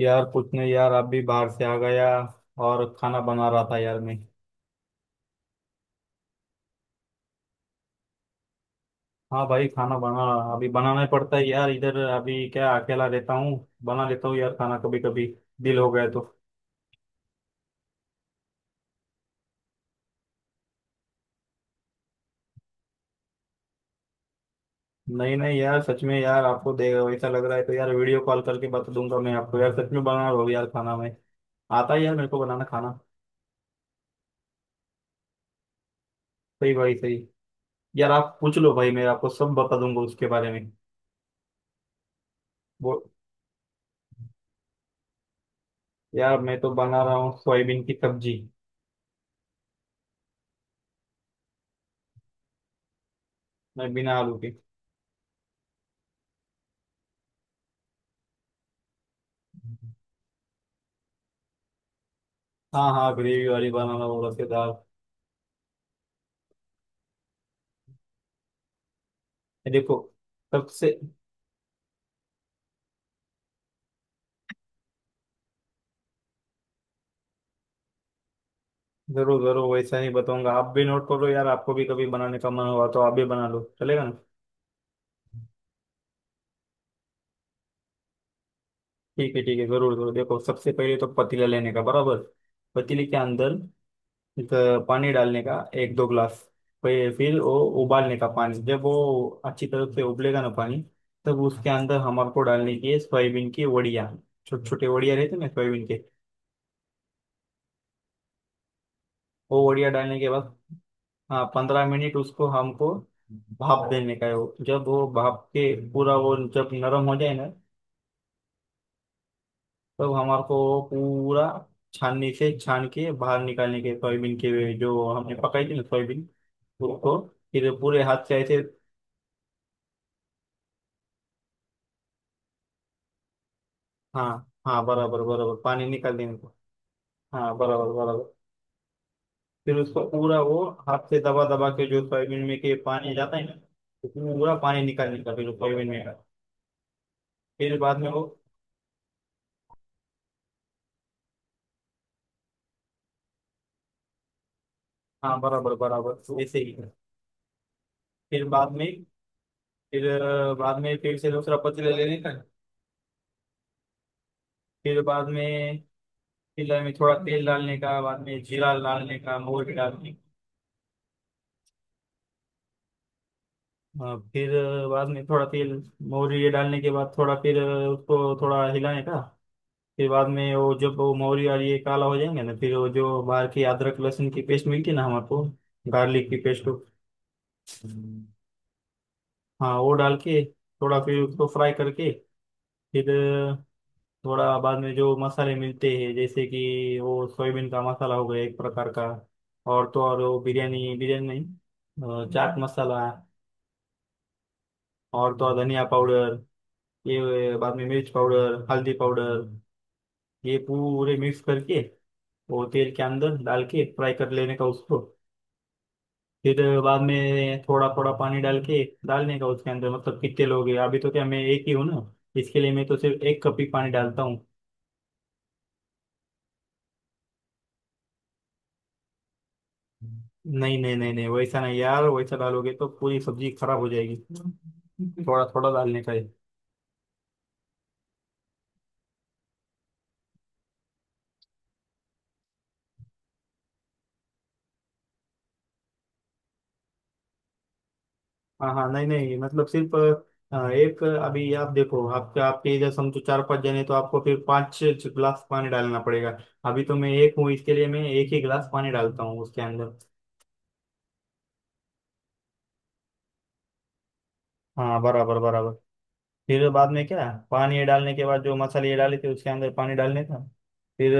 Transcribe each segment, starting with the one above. यार कुछ नहीं यार, अभी बाहर से आ गया और खाना बना रहा था यार मैं। हाँ भाई, खाना बना, अभी बनाना ही पड़ता है यार, इधर अभी क्या अकेला रहता हूँ। बना लेता हूँ यार खाना, कभी कभी दिल हो गया तो। नहीं नहीं यार, सच में यार, आपको दे वैसा लग रहा है तो यार वीडियो कॉल करके बता दूंगा मैं आपको, यार सच में बना रहा हूँ यार खाना मैं। आता है यार मेरे को बनाना खाना। सही भाई सही। यार आप पूछ लो भाई, मैं आपको सब बता दूंगा उसके बारे में। वो, यार मैं तो बना रहा हूँ सोयाबीन की सब्जी। मैं बिना आलू के। हाँ हाँ, ग्रेवी वाली, बनाना बोला के दाल। ये देखो, सबसे। जरूर जरूर, वैसा नहीं बताऊंगा, आप भी नोट करो यार, आपको भी कभी बनाने का मन हुआ तो आप भी बना लो, चलेगा ना। ठीक है ठीक है, जरूर जरूर, देखो सबसे पहले तो पतीला लेने का बराबर। पतीले के अंदर एक पानी डालने का, एक दो गिलास। फिर वो उबालने का पानी, जब वो अच्छी तरह से उबलेगा ना पानी, तब उसके अंदर हमारे को डालने की है सोयाबीन की वड़िया। छोटे छोटे वड़िया रहते ना सोयाबीन के। वो वड़िया डालने के बाद, हाँ 15 मिनट उसको हमको भाप देने का है वो। जब वो भाप के पूरा वो, जब नरम हो जाए ना, तब हमारे को वो पूरा छाननी से छान के बाहर निकालने के, सोयाबीन के वे जो हमने पकाई थी ना सोयाबीन, उसको फिर पूरे हाथ से ऐसे। हाँ हाँ, बराबर बराबर पानी निकाल देने को। हाँ बराबर बराबर। फिर उसको पूरा वो हाथ से दबा दबा के, जो सोयाबीन में के पानी जाता है ना, तो पूरा पानी निकालने का फिर सोयाबीन में का। फिर बाद में वो। हाँ बराबर बराबर, ऐसे ही। फिर बाद में, फिर बाद में फिर से दूसरा पतीला ले लेने का। फिर बाद में पतीला में थोड़ा तेल डालने का, बाद में जीरा डालने का, मोहरी डालने का, फिर बाद में थोड़ा तेल, मोहरी ये डालने के बाद, थोड़ा फिर उसको थोड़ा हिलाने का। फिर बाद में वो जब वो मोहरी और ये काला हो जाएंगे ना, फिर वो जो बाहर की अदरक लहसुन की पेस्ट मिलती है ना हमारे को, गार्लिक की पेस्ट। हाँ, वो डाल के थोड़ा फिर उसको फ्राई करके। फिर थोड़ा बाद में जो मसाले मिलते हैं, जैसे कि वो सोयाबीन का मसाला हो गया एक प्रकार का। और तो और वो बिरयानी, बिरयानी नहीं, चाट मसाला। और तो और धनिया पाउडर, ये बाद में मिर्च पाउडर, हल्दी पाउडर, ये पूरे मिक्स करके वो तेल के अंदर डाल के फ्राई कर लेने का उसको। फिर बाद में थोड़ा थोड़ा पानी डाल के डालने का उसके अंदर। मतलब कितने लोग हैं, अभी तो क्या मैं एक ही हूँ ना, इसके लिए मैं तो सिर्फ 1 कप ही पानी डालता हूँ। नहीं नहीं नहीं नहीं, वैसा नहीं यार, वैसा डालोगे तो पूरी सब्जी खराब हो जाएगी। थोड़ा थोड़ा डालने का है। हाँ हाँ, नहीं नहीं, मतलब सिर्फ एक, अभी आप देखो, आपके आपके इधर समझो 4-5 जने तो आपको फिर 5-6 गिलास पानी डालना पड़ेगा। अभी तो मैं एक हूँ, इसके लिए मैं एक ही गिलास पानी डालता हूँ उसके अंदर। हाँ बराबर बराबर। फिर बाद में क्या, पानी डालने के बाद जो मसाले ये डाले थे उसके अंदर पानी डालने था। फिर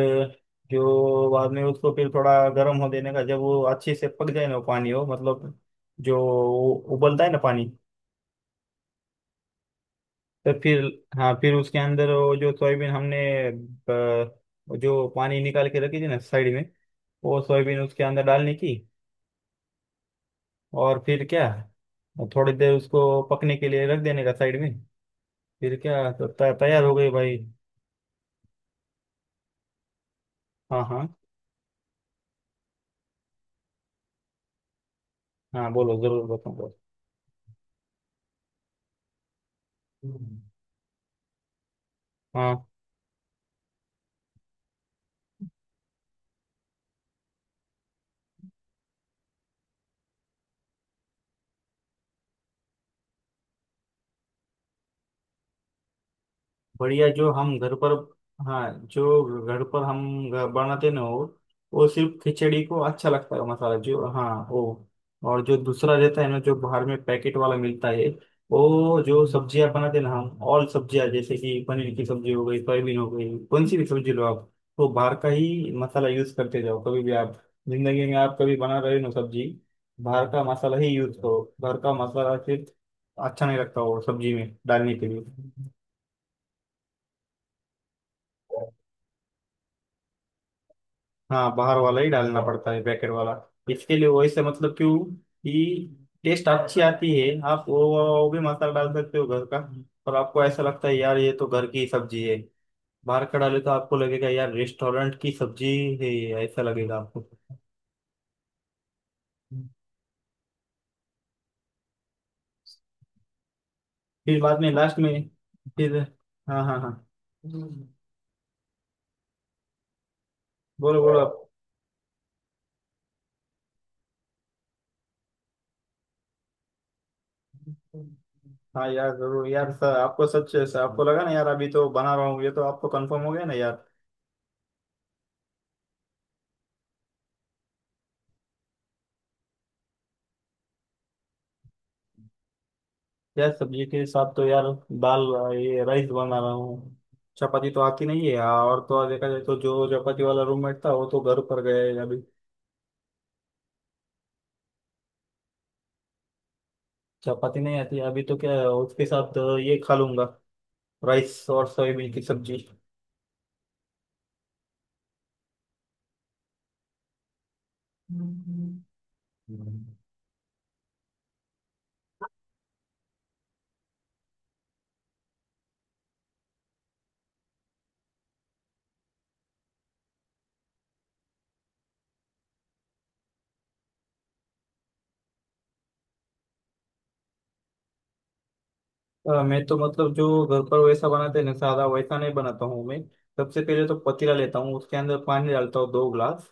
जो बाद में उसको फिर थोड़ा गर्म हो देने का, जब वो अच्छे से पक जाए ना वो पानी, हो मतलब जो उबलता है ना पानी। तो फिर, हाँ फिर उसके अंदर वो जो सोयाबीन हमने जो पानी निकाल के रखी थी ना साइड में, वो सोयाबीन उसके अंदर डालने की। और फिर क्या, थोड़ी देर उसको पकने के लिए रख देने का साइड में। फिर क्या तो तैयार हो गई भाई। हाँ हाँ हाँ, बोलो जरूर बताऊँ। हाँ, बढ़िया जो हम घर पर। हाँ, जो घर पर हम बनाते ना हो, वो सिर्फ खिचड़ी को अच्छा लगता है मसाला, जो, हाँ वो। और जो दूसरा रहता है ना जो बाहर में पैकेट वाला मिलता है, वो जो सब्जियां बनाते ना हम, ऑल सब्जियां, जैसे कि पनीर की सब्जी हो गई, सोयाबीन हो गई, कौन सी भी सब्जी लो आप, वो बाहर का ही मसाला यूज करते जाओ कभी भी आप। जिंदगी में आप कभी बना रहे हो ना सब्जी, बाहर का मसाला ही यूज करो, घर का मसाला सिर्फ अच्छा नहीं लगता वो सब्जी में डालने के लिए। हाँ, बाहर वाला ही डालना पड़ता है, पैकेट वाला, इसके लिए वैसे, मतलब क्यों कि टेस्ट अच्छी आती है। आप वो भी मसाला डाल सकते हो घर का, और आपको ऐसा लगता है यार, ये तो घर की सब्जी है, बाहर का डाले तो आपको लगेगा यार रेस्टोरेंट की सब्जी है ये, ऐसा लगेगा आपको। फिर बाद में, लास्ट में फिर। हाँ हाँ हाँ, बोलो बोलो आप। हाँ यार जरूर, यार सर आपको सच, आपको लगा ना यार, अभी तो बना रहा हूँ, ये तो आपको कंफर्म हो गया ना यार। यार सब्जी के साथ तो यार दाल, ये राइस बना रहा हूँ। चपाती तो आती नहीं है, और तो और देखा जाए तो जो चपाती वाला रूममेट था वो तो घर पर गया है अभी। चपाती नहीं आती, अभी तो क्या है, उसके साथ ये खा लूंगा, राइस और सोयाबीन की सब्जी। हम्म। मैं तो मतलब जो घर पर वैसा बनाते हैं ना सादा, वैसा नहीं बनाता हूँ मैं। सबसे पहले तो पतीला लेता हूँ, उसके अंदर पानी डालता हूँ 2 ग्लास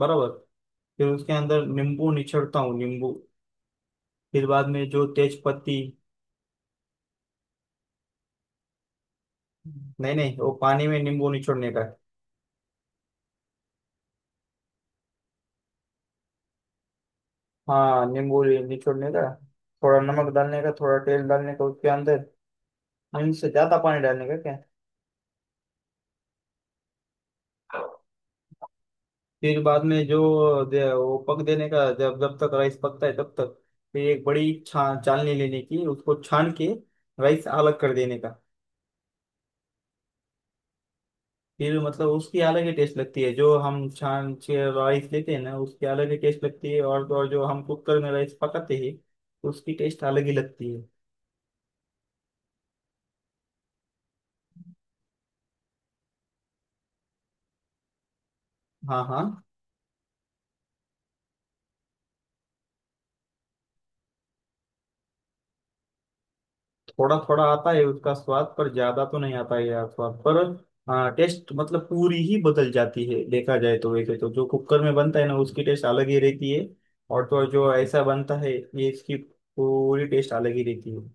बराबर। फिर उसके अंदर नींबू निचोड़ता हूँ, नींबू। फिर बाद में जो तेज पत्ती, नहीं नहीं, वो पानी में नींबू निचोड़ने का है। हाँ नींबू निचोड़ने का, थोड़ा नमक डालने का, थोड़ा तेल डालने का उसके अंदर, नींबू से ज्यादा पानी डालने का क्या। फिर बाद में जो वो पक देने का, जब जब तक राइस पकता है तब तक, फिर एक बड़ी छा चालनी लेने की उसको छान के राइस अलग कर देने का। फिर मतलब उसकी अलग ही टेस्ट लगती है, जो हम छान के राइस लेते हैं ना उसकी अलग ही टेस्ट लगती है, और तो और जो हम कुकर में राइस पकाते हैं उसकी टेस्ट अलग ही लगती है। हाँ हाँ, थोड़ा थोड़ा आता है उसका स्वाद, पर ज्यादा तो नहीं आता है यार स्वाद पर। हाँ टेस्ट मतलब पूरी ही बदल जाती है देखा जाए तो, वैसे तो जो कुकर में बनता है ना उसकी टेस्ट अलग ही रहती है, और तो और जो ऐसा बनता है ये इसकी पूरी टेस्ट अलग ही रहती है।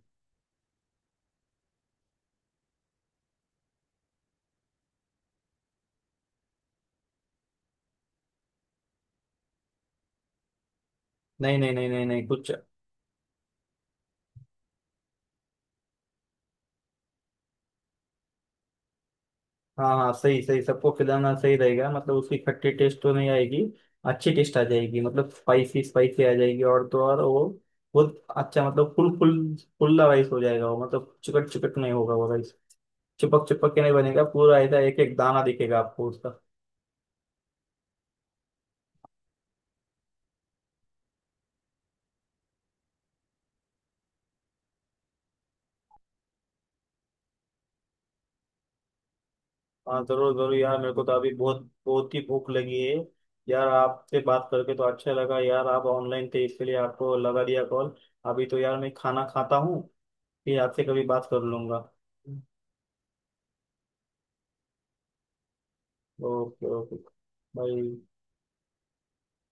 नहीं नहीं नहीं नहीं नहीं, कुछ, हाँ हाँ, सही सही, सबको खिलाना सही रहेगा, मतलब उसकी खट्टी टेस्ट तो नहीं आएगी, अच्छी टेस्ट आ जाएगी, मतलब स्पाइसी स्पाइसी आ जाएगी, और तो और वो बहुत अच्छा, मतलब फुल फुल फुल्ला राइस हो जाएगा वो, मतलब चिकट चिकट नहीं होगा वो राइस, चिपक चिपक के नहीं बनेगा, पूरा ऐसा एक एक दाना दिखेगा आपको उसका। हाँ जरूर जरूर यार, मेरे को तो अभी बहुत बहुत ही भूख लगी है। यार आपसे बात करके तो अच्छा लगा यार, आप ऑनलाइन थे इसके लिए आपको लगा दिया कॉल। अभी तो यार मैं खाना खाता हूँ, फिर आपसे कभी बात कर लूंगा। Okay okay, bye.